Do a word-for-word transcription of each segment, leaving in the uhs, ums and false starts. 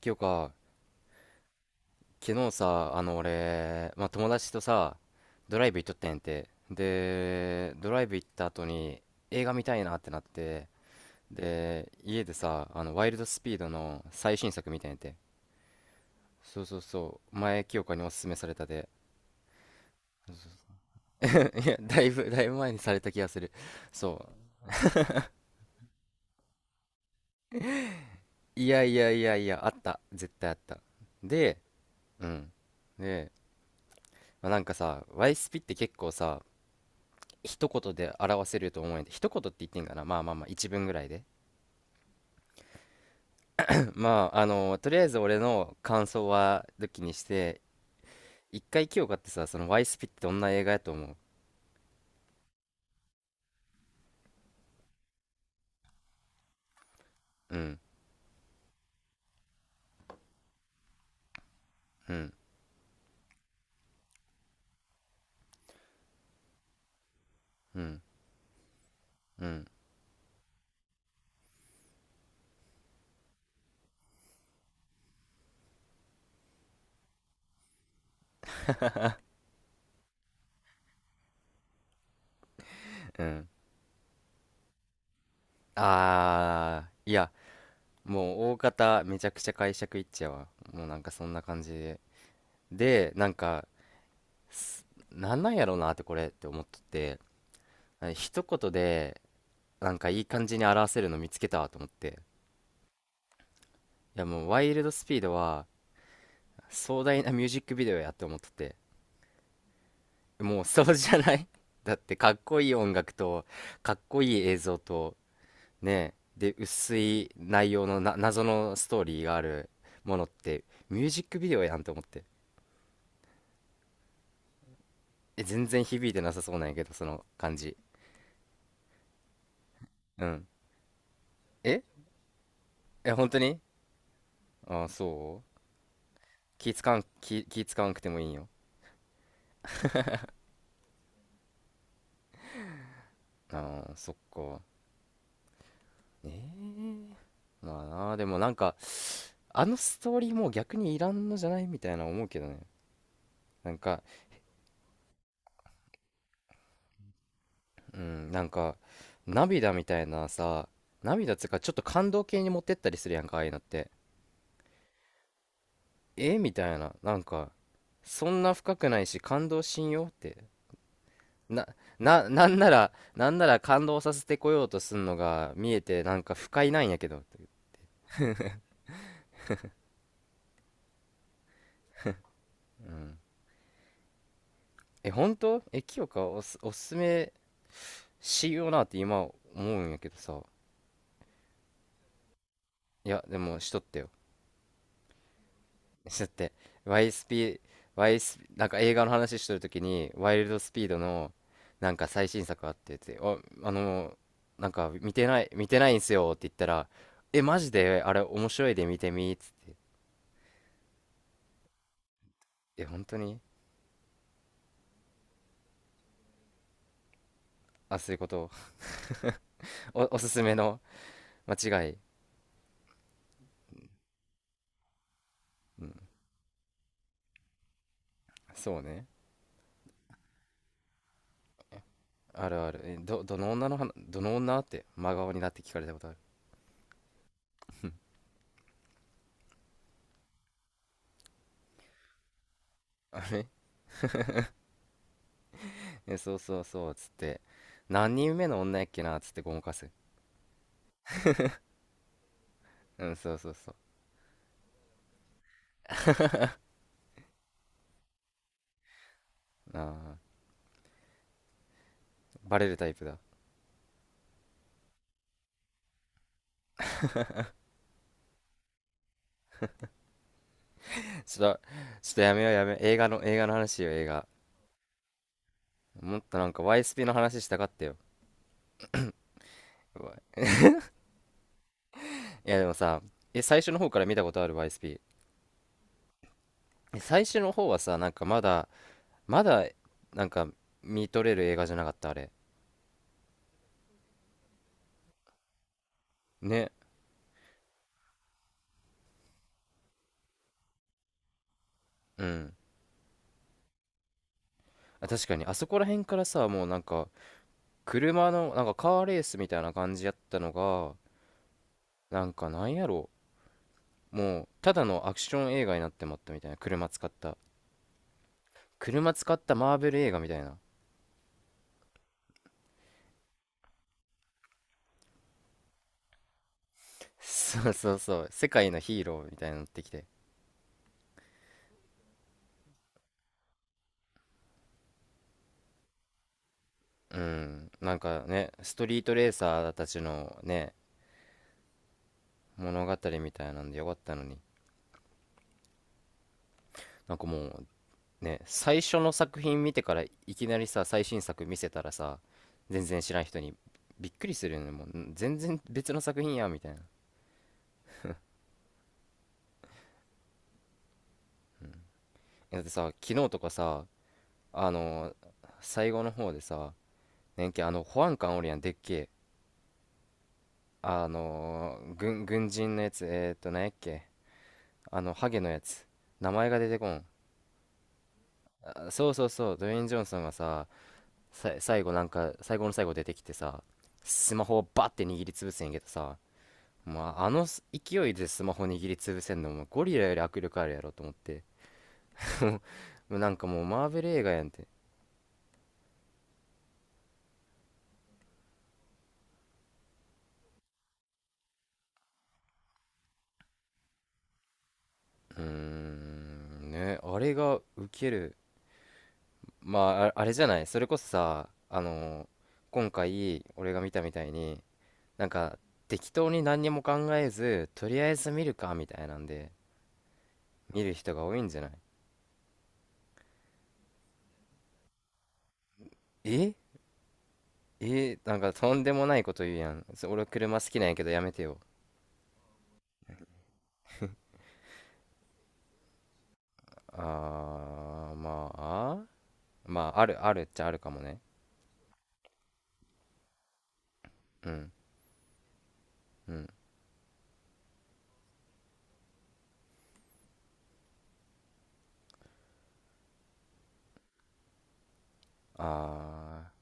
今日か、昨日さ、あの俺、まあ、友達とさ、ドライブ行っとったんやんて。で、ドライブ行った後に映画見たいなってなって、で、家でさ、あの、ワイルドスピードの最新作見たんやんて。そうそうそう、前清かにおすすめされたで。いや、だいぶ、だいぶ前にされた気がする。そう。いやいやいやいや、あった。絶対あった。で、うん。で、まあ、なんかさ、ワイスピって結構さ、一言で表せると思うんで、一言って言ってんかな、まあまあまあ一文ぐらいで。 まああのとりあえず俺の感想は抜きにして、一回清香ってさ、そのワイスピってどんな映画やと思う？うん、うん、うん、うん、うん。あー、いや、もう大方めちゃくちゃ解釈いっちゃうわ、もうなんかそんな感じで。でなんかすなんなんやろうなってこれって思っとって、あ、一言でなんかいい感じに表せるの見つけたわと思って、いや、もうワイルドスピードは壮大なミュージックビデオやって思っとって、もうそうじゃない？ だって、かっこいい音楽とかっこいい映像と、ねで薄い内容のな謎のストーリーがあるものって、ミュージックビデオやんと思って。え、全然響いてなさそうなんやけどその感じ。うん。ええ、本当に？ああー、そう。気使わん、気、気使わんくてもいいんよ。ああ、そっか。ええ。まあなでもなんか、あのストーリーもう逆にいらんのじゃないみたいな思うけどね。なんか、うん、なんか、涙みたいなさ、涙つうかちょっと感動系に持ってったりするやんか、ああいうのって。えみたいな、なんか、そんな深くないし感動しんよって。な、な、なんなら、なんなら感動させてこようとすんのが見えてなんか不快なんやけど。うん。え、本当？え、清香、おす、おすすめしようなって今思うんやけどさ。いや、でもしとってよ、だって。 ワイエスピー、ワイエス、ワイエスピー、なんか映画の話してるときに、ワイルドスピードの、なんか最新作あってって、あ、あの、なんか見てない、見てないんすよって言ったら、え、マジであれ面白いで見てみっつって。え、本当に？あ、そういうこと。お、おすすめの間違い。うん、そうね。あるある。え、ど、どの女の話、どの女って真顔になって聞かれたことある。あれ、え、そうそうそう、つって。何人目の女やっけな、つってごまかす。うん、そうそうそう。ああ。バレるタイプだ。ちょっと、ちょっとやめようやめよう。映画の、映画の話よ、映画。もっとなんか ワイエスピー の話したかったよ。うわ、いやでもさ、え、最初の方から見たことある ワイエスピー。え、最初の方はさ、なんかまだ、まだ、なんか見とれる映画じゃなかった、あれ。ね。うん。あ、確かに、あそこら辺からさ、もうなんか、車の、なんかカーレースみたいな感じやったのが、なんかなんやろう。もう、ただのアクション映画になってまったみたいな。車使った。車使ったマーベル映画みたいな。そう、 そうそう。世界のヒーローみたいになってきて。うん。なんかね、ストリートレーサーたちのね、物語みたいなんでよかったのに。なんかもうね、最初の作品見てからいきなりさ、最新作見せたらさ、全然知らん人に、びっくりするよね。もう、ん、全然別の作品や、みたいな。だってさ、昨日とかさ、あの最後の方でさ、ねんけ、あの、保安官おるやん、でっけえ。あの軍、軍人のやつ、えーっと、なんやっけ。あの、ハゲのやつ。名前が出てこん。あ、そうそうそう、ドウェイン・ジョンソンがさ、さ、最後なんか、最後の最後出てきてさ、スマホをバッて握りつぶせんけどさ、まああの勢いでスマホ握りつぶせんのもゴリラより握力あるやろと思って。もうなんかもうマーベル映画やんって。うーん、ね、あれがウケる。まあ、あ、あれじゃない。それこそさ、あの今回俺が見たみたいに、なんか適当に何にも考えずとりあえず見るかみたいなんで見る人が多いんじゃない？ええ、なんかとんでもないこと言うやん、そ、俺車好きなんやけどやめてよ。あー、まあまああるあるっちゃあるかもね。うん、うん、あー。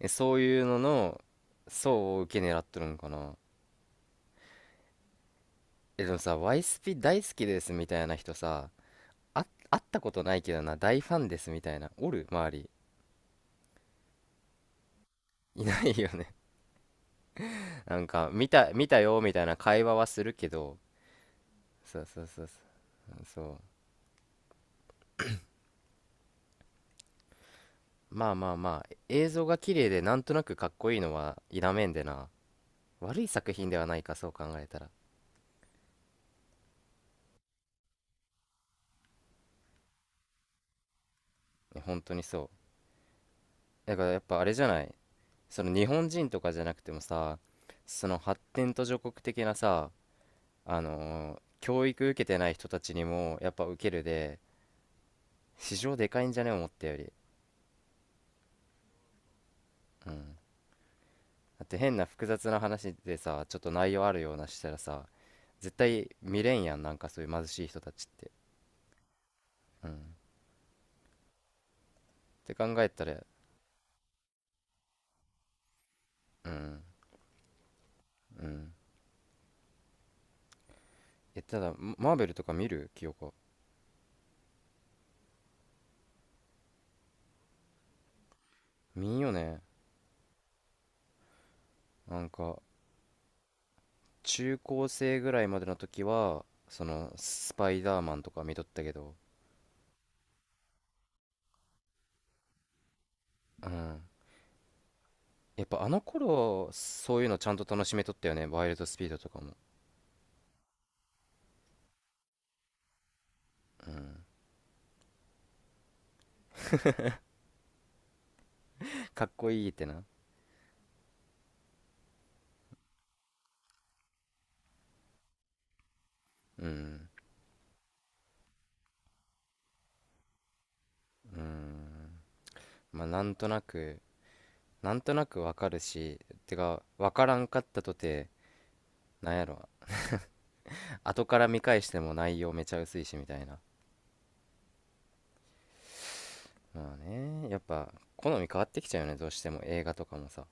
え、そういうのの層を受け狙っとるんかな。え、でもさ、ワイスピ大好きですみたいな人さ、あ、会ったことないけどな、大ファンですみたいなおる、周り？いないよね。なんか見た、見たよみたいな会話はするけど、そうそうそう、そう、そう。まあまあまあ、映像が綺麗でなんとなくかっこいいのは否めんでな。悪い作品ではないか、そう考えたら。いや本当にそう。だからやっぱあれじゃない。その日本人とかじゃなくてもさ、その発展途上国的なさ、あのー教育受けてない人たちにもやっぱ受けるで、市場でかいんじゃね、思ったより。うん。だって変な複雑な話でさ、ちょっと内容あるようなしたらさ、絶対見れんやん、なんかそういう貧しい人たちって。うんって考えたら。うん、うん。え、ただマ、マーベルとか見る清子？見んよね。なんか中高生ぐらいまでの時はそのスパイダーマンとか見とったけど。うん。やっぱあの頃そういうのちゃんと楽しめとったよね、ワイルドスピードとかも。うん。かっこいいってな。うん、うん。まあなんとなく、なんとなくわかるし、てか、わからんかったとて、なんやろ、後から見返しても内容めちゃ薄いしみたいな。まあね、やっぱ、好み変わってきちゃうよね、どうしても映画とかもさ。